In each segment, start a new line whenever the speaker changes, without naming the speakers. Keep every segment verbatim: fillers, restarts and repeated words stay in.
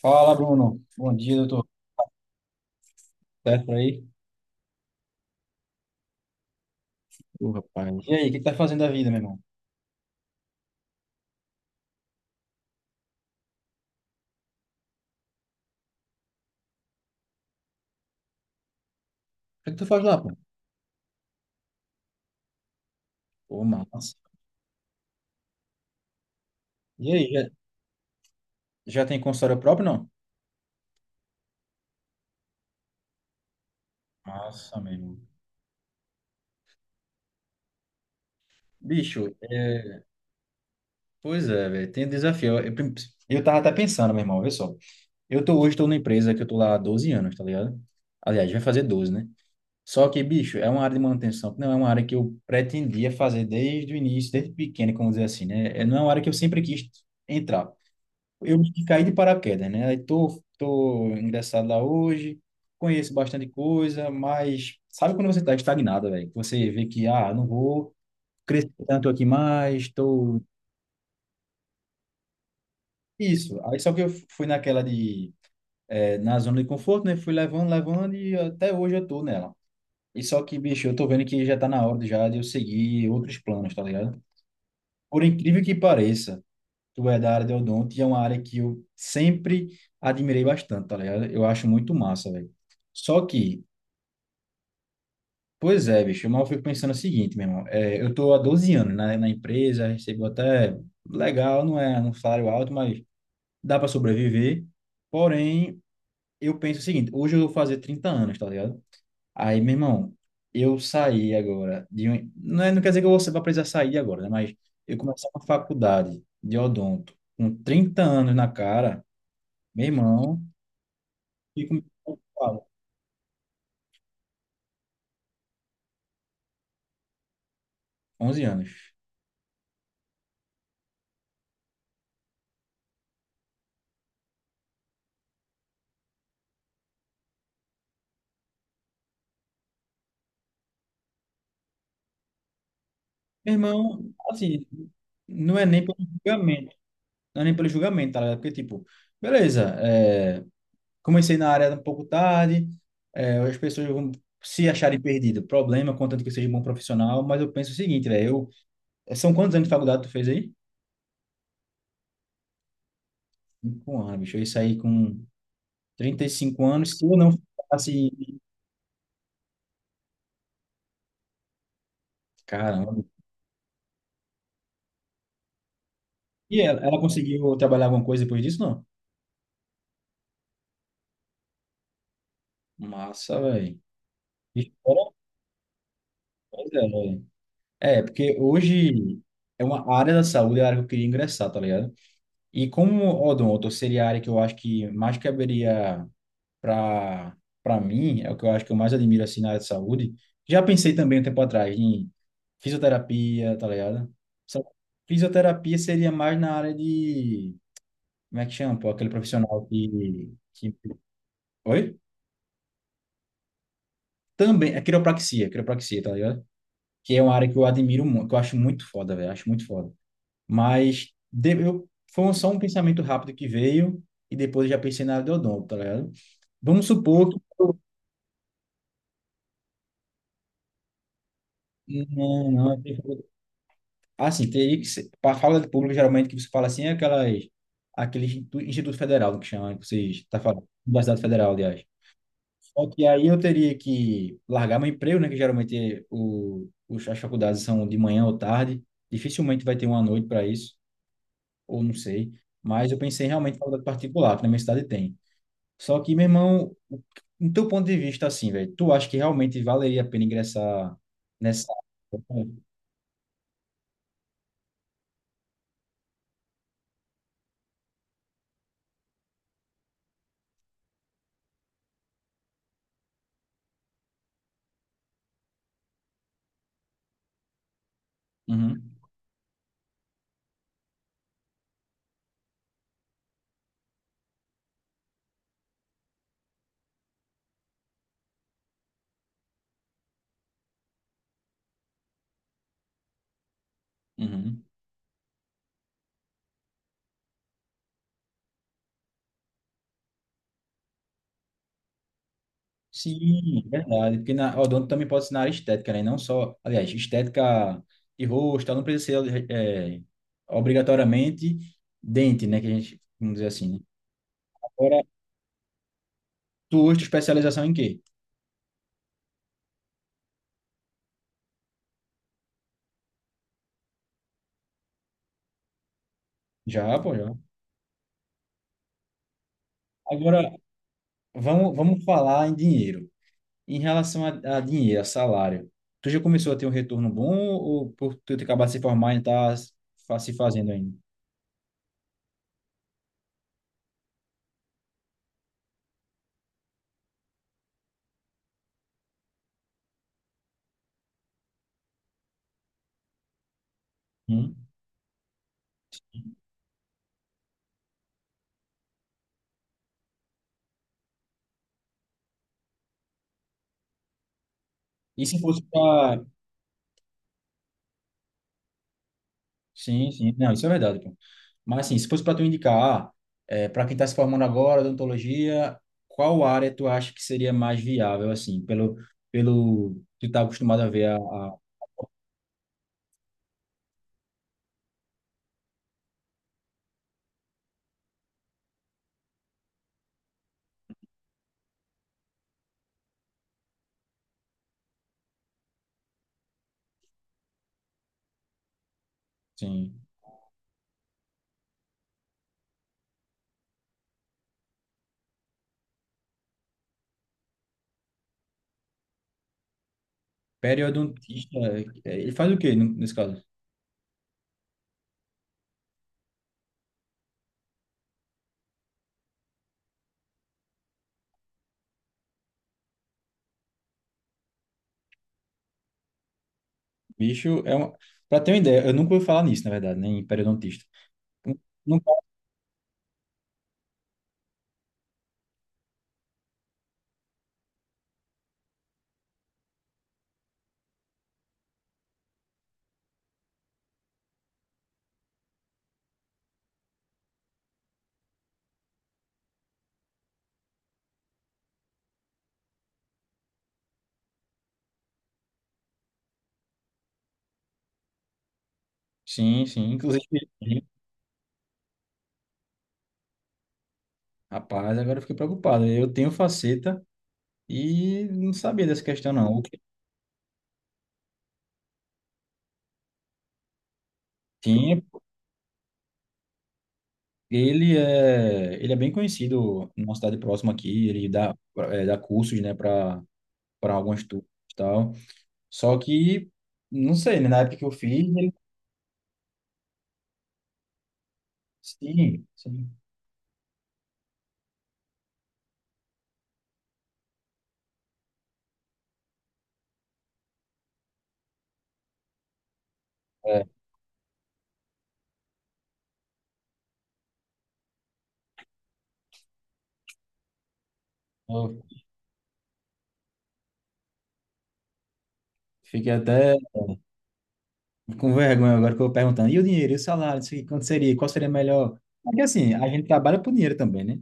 Fala, Bruno. Bom dia, doutor. Certo por aí? Ô, rapaz. E aí, o que que tá fazendo da vida, meu irmão? O que que tu faz lá, pô? Ô, massa. E aí, já, já tem consultório próprio, não? Massa, meu irmão. Bicho, é, pois é, velho, tem desafio. Eu, eu, eu tava até pensando, meu irmão, olha só. Eu tô hoje, tô numa empresa que eu tô lá há doze anos, tá ligado? Aliás, vai fazer doze, né? Só que, bicho, é uma área de manutenção, que não é uma área que eu pretendia fazer desde o início, desde pequeno, como dizer assim, né? É- Não é uma área que eu sempre quis entrar. Eu meio que caí de paraquedas, né? Aí tô, tô ingressado lá hoje, conheço bastante coisa, mas sabe quando você tá estagnado, velho? Você vê que, ah, não vou crescer tanto aqui mais, tô... Isso. Aí só que eu fui naquela de... É, na zona de conforto, né? Fui levando, levando e até hoje eu tô nela. E só que, bicho, eu tô vendo que já tá na hora já de eu seguir outros planos, tá ligado? Por incrível que pareça, tu é da área de odonto e é uma área que eu sempre admirei bastante, tá ligado? Eu acho muito massa, velho. Só que, pois é, bicho, mas eu fico pensando o seguinte, meu irmão, é, eu tô há doze anos na, na empresa, recebo até legal, não é um salário alto, mas dá para sobreviver. Porém, eu penso o seguinte, hoje eu vou fazer trinta anos, tá ligado? Aí, meu irmão, eu saí agora de um, não é, não quer dizer que eu vou precisar sair agora, né? Mas eu comecei uma faculdade de odonto com trinta anos na cara, meu irmão, e com falo, onze anos. Meu irmão, assim, não é nem pelo julgamento, não é nem pelo julgamento, tá ligado? Porque, tipo, beleza, é, comecei na área um pouco tarde, é, as pessoas vão se acharem perdido, problema, contanto que eu seja um bom profissional, mas eu penso o seguinte, velho, eu, são quantos anos de faculdade tu fez aí? Cinco anos, bicho, eu saí com trinta e cinco anos, se eu não assim, caramba. E ela, ela conseguiu trabalhar alguma coisa depois disso, não? Massa, velho. Que história, pois é, velho. É, porque hoje é uma a área da saúde, é a área que eu queria ingressar, tá ligado? E como odonto seria a área que eu acho que mais caberia para para mim, é o que eu acho que eu mais admiro assim na área de saúde. Já pensei também um tempo atrás em fisioterapia, tá ligado? Só que fisioterapia seria mais na área de, como é que chama, pô, aquele profissional que, que... Oi? Também, é quiropraxia, quiropraxia, tá ligado? Que é uma área que eu admiro muito, que eu acho muito foda, velho, acho muito foda. Mas de, eu, foi só um pensamento rápido que veio e depois eu já pensei na área de odonto, tá ligado? Vamos supor que. Não, não. Assim, teria que ser. Para a fala de público geralmente, que você fala assim, é aquelas, aquele institu- Instituto Federal que chama, que vocês estão falando. Universidade Federal, aliás. Só que aí eu teria que largar meu emprego, né? Que geralmente é o, os- as faculdades são de manhã ou tarde. Dificilmente vai ter uma noite para isso, ou não sei. Mas eu pensei realmente em faculdade particular, que na minha cidade tem. Só que, meu irmão, no teu ponto de vista, assim, velho, tu acha que realmente valeria a pena ingressar nessa área? Uhum, uhum. Sim, verdade. Porque na odonto também pode ser na área estética, né? Não só, aliás, estética de rosto, tal, não precisa ser é, obrigatoriamente dente, né? Que a gente, vamos dizer assim, né? Agora, tu hoje, tu especialização em quê? Já, pô, já. Agora, vamos, vamos falar em dinheiro. Em relação a, a dinheiro, a salário, tu já começou a ter um retorno bom ou por tu ter acabado de se formar e tá se fa- se fazendo ainda? Hum? E se fosse para... Sim, sim. Não, isso é verdade, pô. Mas assim, se fosse para tu indicar, ah, é, para quem está se formando agora, odontologia, qual área tu acha que seria mais viável, assim, pelo, pelo que tu tá acostumado a ver a, a assim, periodontista, é, ele faz o quê no- nesse caso? Bicho, é uma... Para ter uma ideia, eu nunca ouvi falar nisso, na verdade, nem periodontista. Sim, sim. Inclusive, sim. Rapaz, agora eu fiquei preocupado. Eu tenho faceta e não sabia dessa questão, não. O que tinha, ele é, ele é bem conhecido numa cidade próxima aqui, ele dá, é, dá cursos, né, para para algumas turmas e tal. Só que, não sei, né, na época que eu fiz, ele... Sim, sim. É, eu fiquei até com vergonha agora que eu perguntando, e o dinheiro, e o salário, isso aqui, quanto seria, qual seria melhor? Porque assim, a gente trabalha por dinheiro também, né?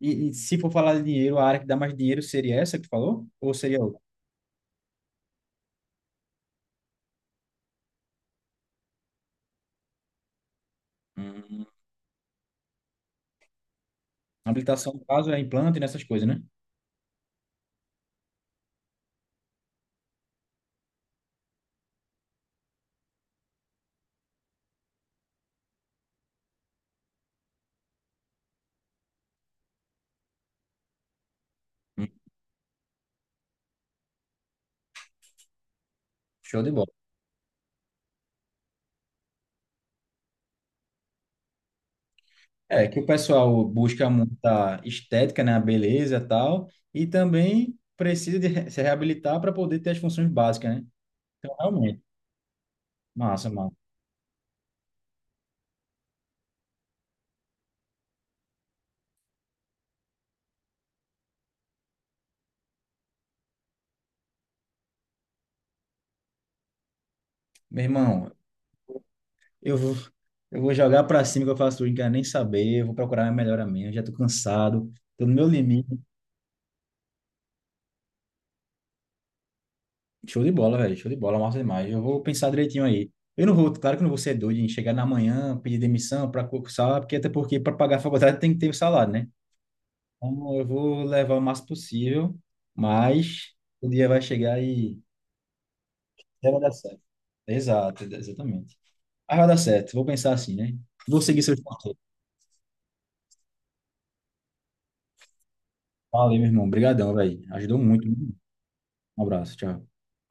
E, e se for falar de dinheiro, a área que dá mais dinheiro seria essa que tu falou? Ou seria outra? Hum. Habilitação, no caso, é implante e nessas coisas, né? Hum. Show de bola. É, que o pessoal busca muita estética, né? A beleza e tal. E também precisa de re- se reabilitar para poder ter as funções básicas, né? Então, realmente, massa, mano. Meu irmão, eu vou, eu vou jogar para cima que eu faço tudo, não quero nem saber. Eu vou procurar minha melhor amiga, já tô cansado, tô no meu limite. Show de bola, velho. Show de bola, massa demais. Eu vou pensar direitinho aí. Eu não vou, claro que eu não vou ser doido em chegar na manhã, pedir demissão para concursar, porque até porque para pagar a faculdade tem que ter o salário, né? Então eu vou levar o máximo possível, mas o dia vai chegar e já vai dar certo. Exato, exatamente. Mas vai dar certo, vou pensar assim, né? Vou seguir seus conselhos. Valeu, meu irmão. Obrigadão, velho. Ajudou muito. Um abraço, tchau.